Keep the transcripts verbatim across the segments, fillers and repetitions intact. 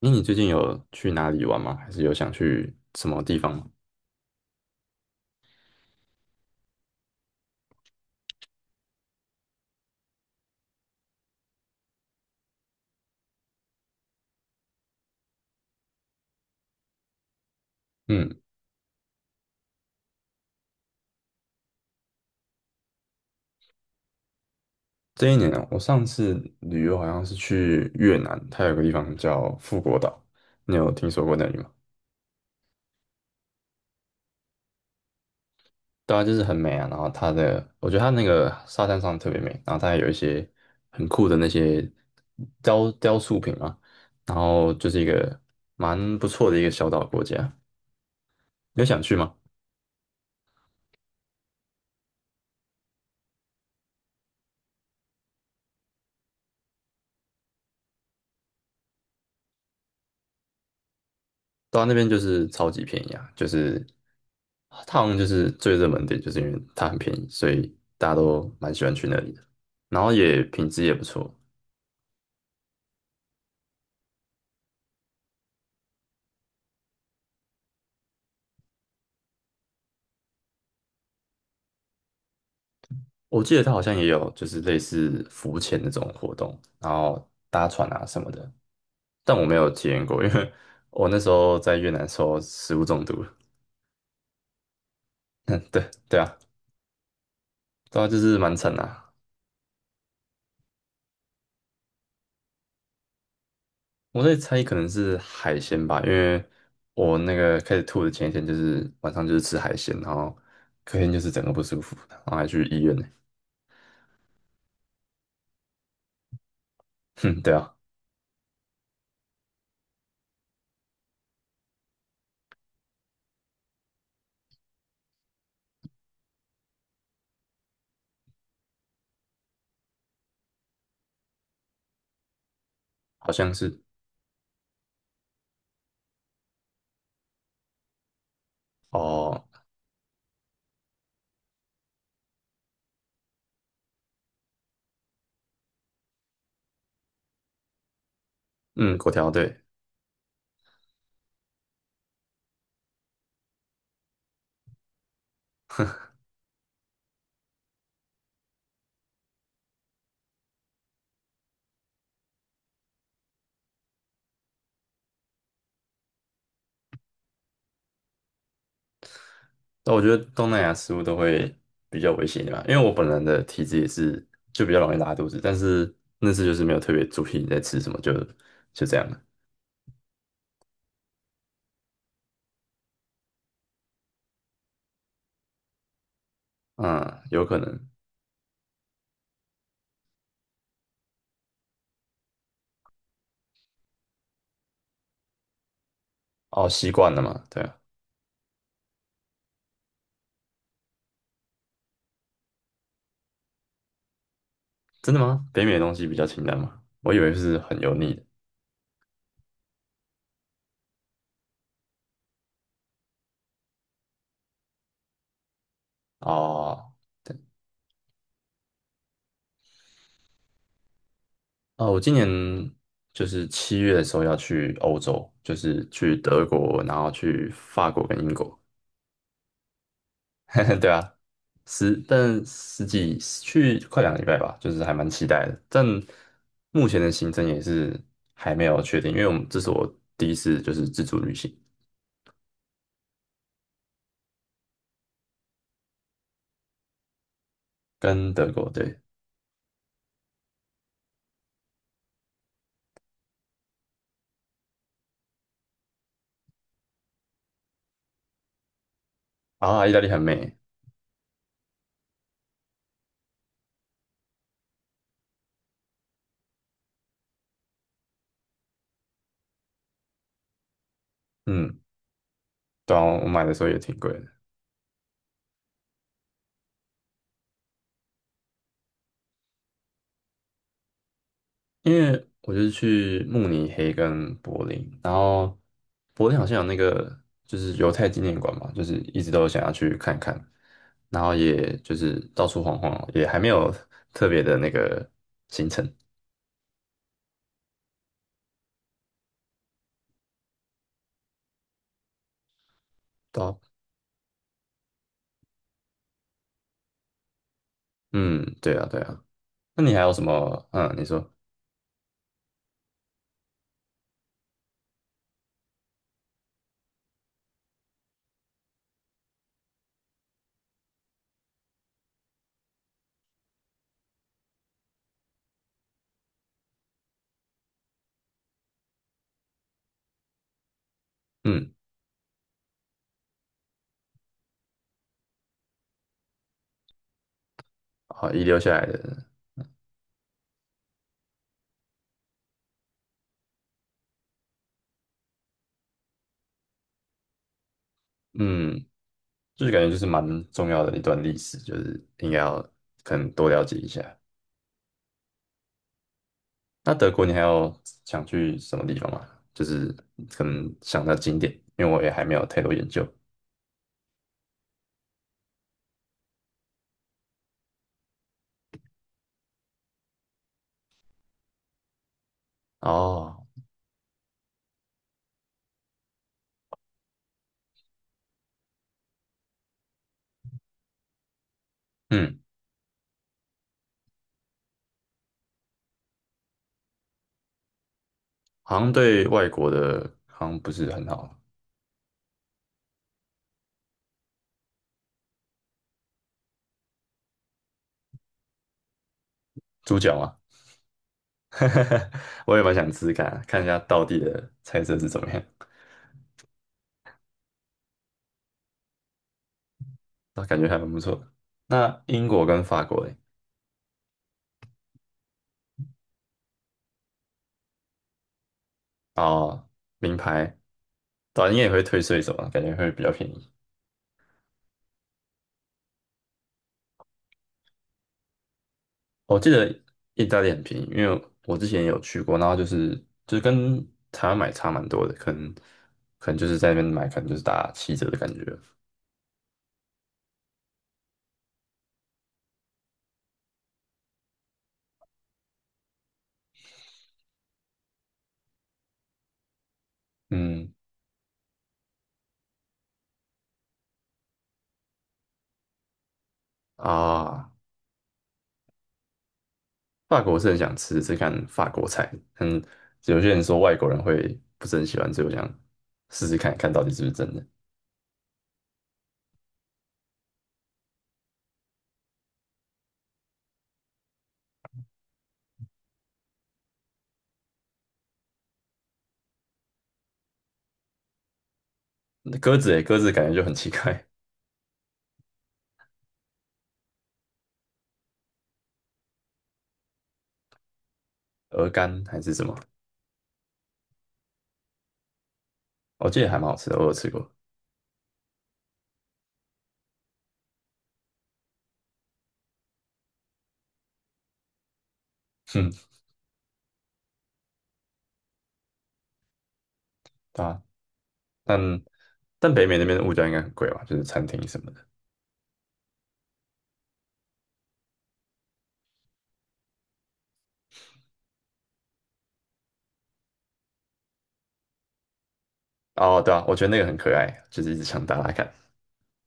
那你最近有去哪里玩吗？还是有想去什么地方吗？嗯，这一年啊，我上次旅游好像是去越南，它有个地方叫富国岛，你有听说过那里吗？对啊，就是很美啊，然后它的，我觉得它那个沙滩上特别美，然后它还有一些很酷的那些雕雕塑品啊，然后就是一个蛮不错的一个小岛国家，你有想去吗？到那边就是超级便宜啊，就是它好像就是最热门点，就是因为它很便宜，所以大家都蛮喜欢去那里的。然后也品质也不错，我记得它好像也有就是类似浮潜那种活动，然后搭船啊什么的，但我没有体验过，因为我那时候在越南的时候食物中毒了。对对啊，对啊，就是蛮惨的啊。我在猜可能是海鲜吧，因为我那个开始吐的前一天就是晚上就是吃海鲜，然后隔天就是整个不舒服，然后还去医院呢。哼，对啊。好像是哦，嗯，粿条对。但我觉得东南亚食物都会比较危险一点吧，因为我本人的体质也是就比较容易拉肚子，但是那次就是没有特别注意在吃什么，就就这样了。嗯，有可能。哦，习惯了嘛，对啊。真的吗？北美的东西比较清淡吗？我以为是很油腻的。哦。哦，我今年就是七月的时候要去欧洲，就是去德国，然后去法国跟英国。对啊，十但十几去快两个礼拜吧，就是还蛮期待的。但目前的行程也是还没有确定，因为我们这是我第一次就是自助旅行，跟德国对啊。意大利很美，嗯，对啊，我买的时候也挺贵的。因为我就是去慕尼黑跟柏林，然后柏林好像有那个就是犹太纪念馆嘛，就是一直都想要去看看，然后也就是到处晃晃，也还没有特别的那个行程。到，嗯，对啊，对啊。那你还有什么？嗯，你说，嗯，好，遗留下来的，嗯，就是感觉就是蛮重要的一段历史，就是应该要可能多了解一下。那德国你还有想去什么地方吗？就是可能想到景点，因为我也还没有太多研究。哦，嗯，好像对外国的好像不是很好。猪脚吗？我也蛮想吃吃看啊，看一下道地的菜色是怎么样，那感觉还蛮不错的。那英国跟法国嘞，哦，名牌，短你也会退税什么，感觉会比较便宜。我记得意大利很便宜，因为我之前也有去过，然后就是就是跟台湾买差蛮多的，可能可能就是在那边买，可能就是打七折的感觉。嗯啊，法国是很想吃吃看法国菜，嗯，有些人说外国人会不是很喜欢，所以我想试试看看到底是不是真的。那鸽子诶，鸽子感觉就很奇怪，鹅肝还是什么，我记得还蛮好吃的，我有吃过。哼对啊，但但北美那边的物价应该很贵吧，就是餐厅什么的。哦，对啊，我觉得那个很可爱，就是一直想打打看。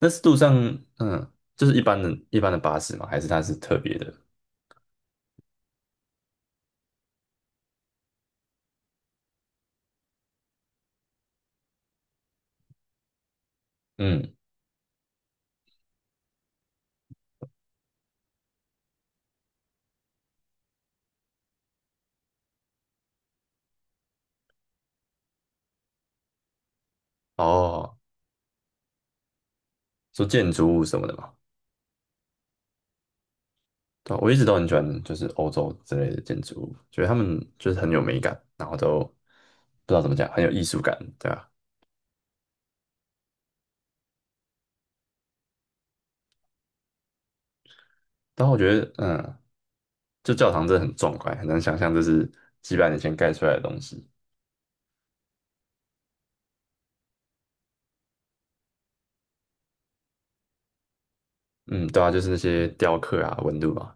那是路上，嗯，就是一般的、一般的巴士嘛，还是它是特别的？嗯，哦，说建筑物什么的嘛。对啊我一直都很喜欢，就是欧洲之类的建筑物，觉得他们就是很有美感，然后都不知道怎么讲，很有艺术感，对啊。然后我觉得，嗯，就教堂真的很壮观，很难想象这是几百年前盖出来的东西。嗯，对啊，就是那些雕刻啊、纹路啊，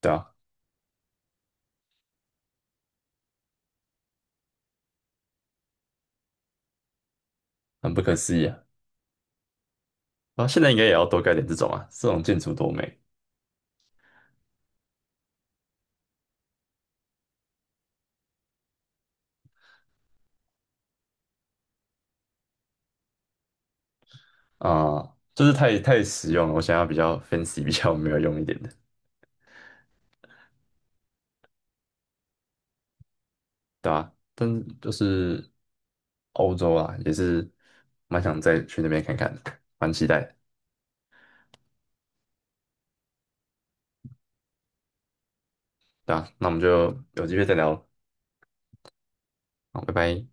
对啊，很不可思议啊。啊，现在应该也要多盖点这种啊，这种建筑多美啊、就是太太实用了。我想要比较 fancy、比较没有用一点的，对吧、但就是欧洲啊，也是蛮想再去那边看看的，蛮期待的，对吧、那我们就有机会再聊，好，拜拜。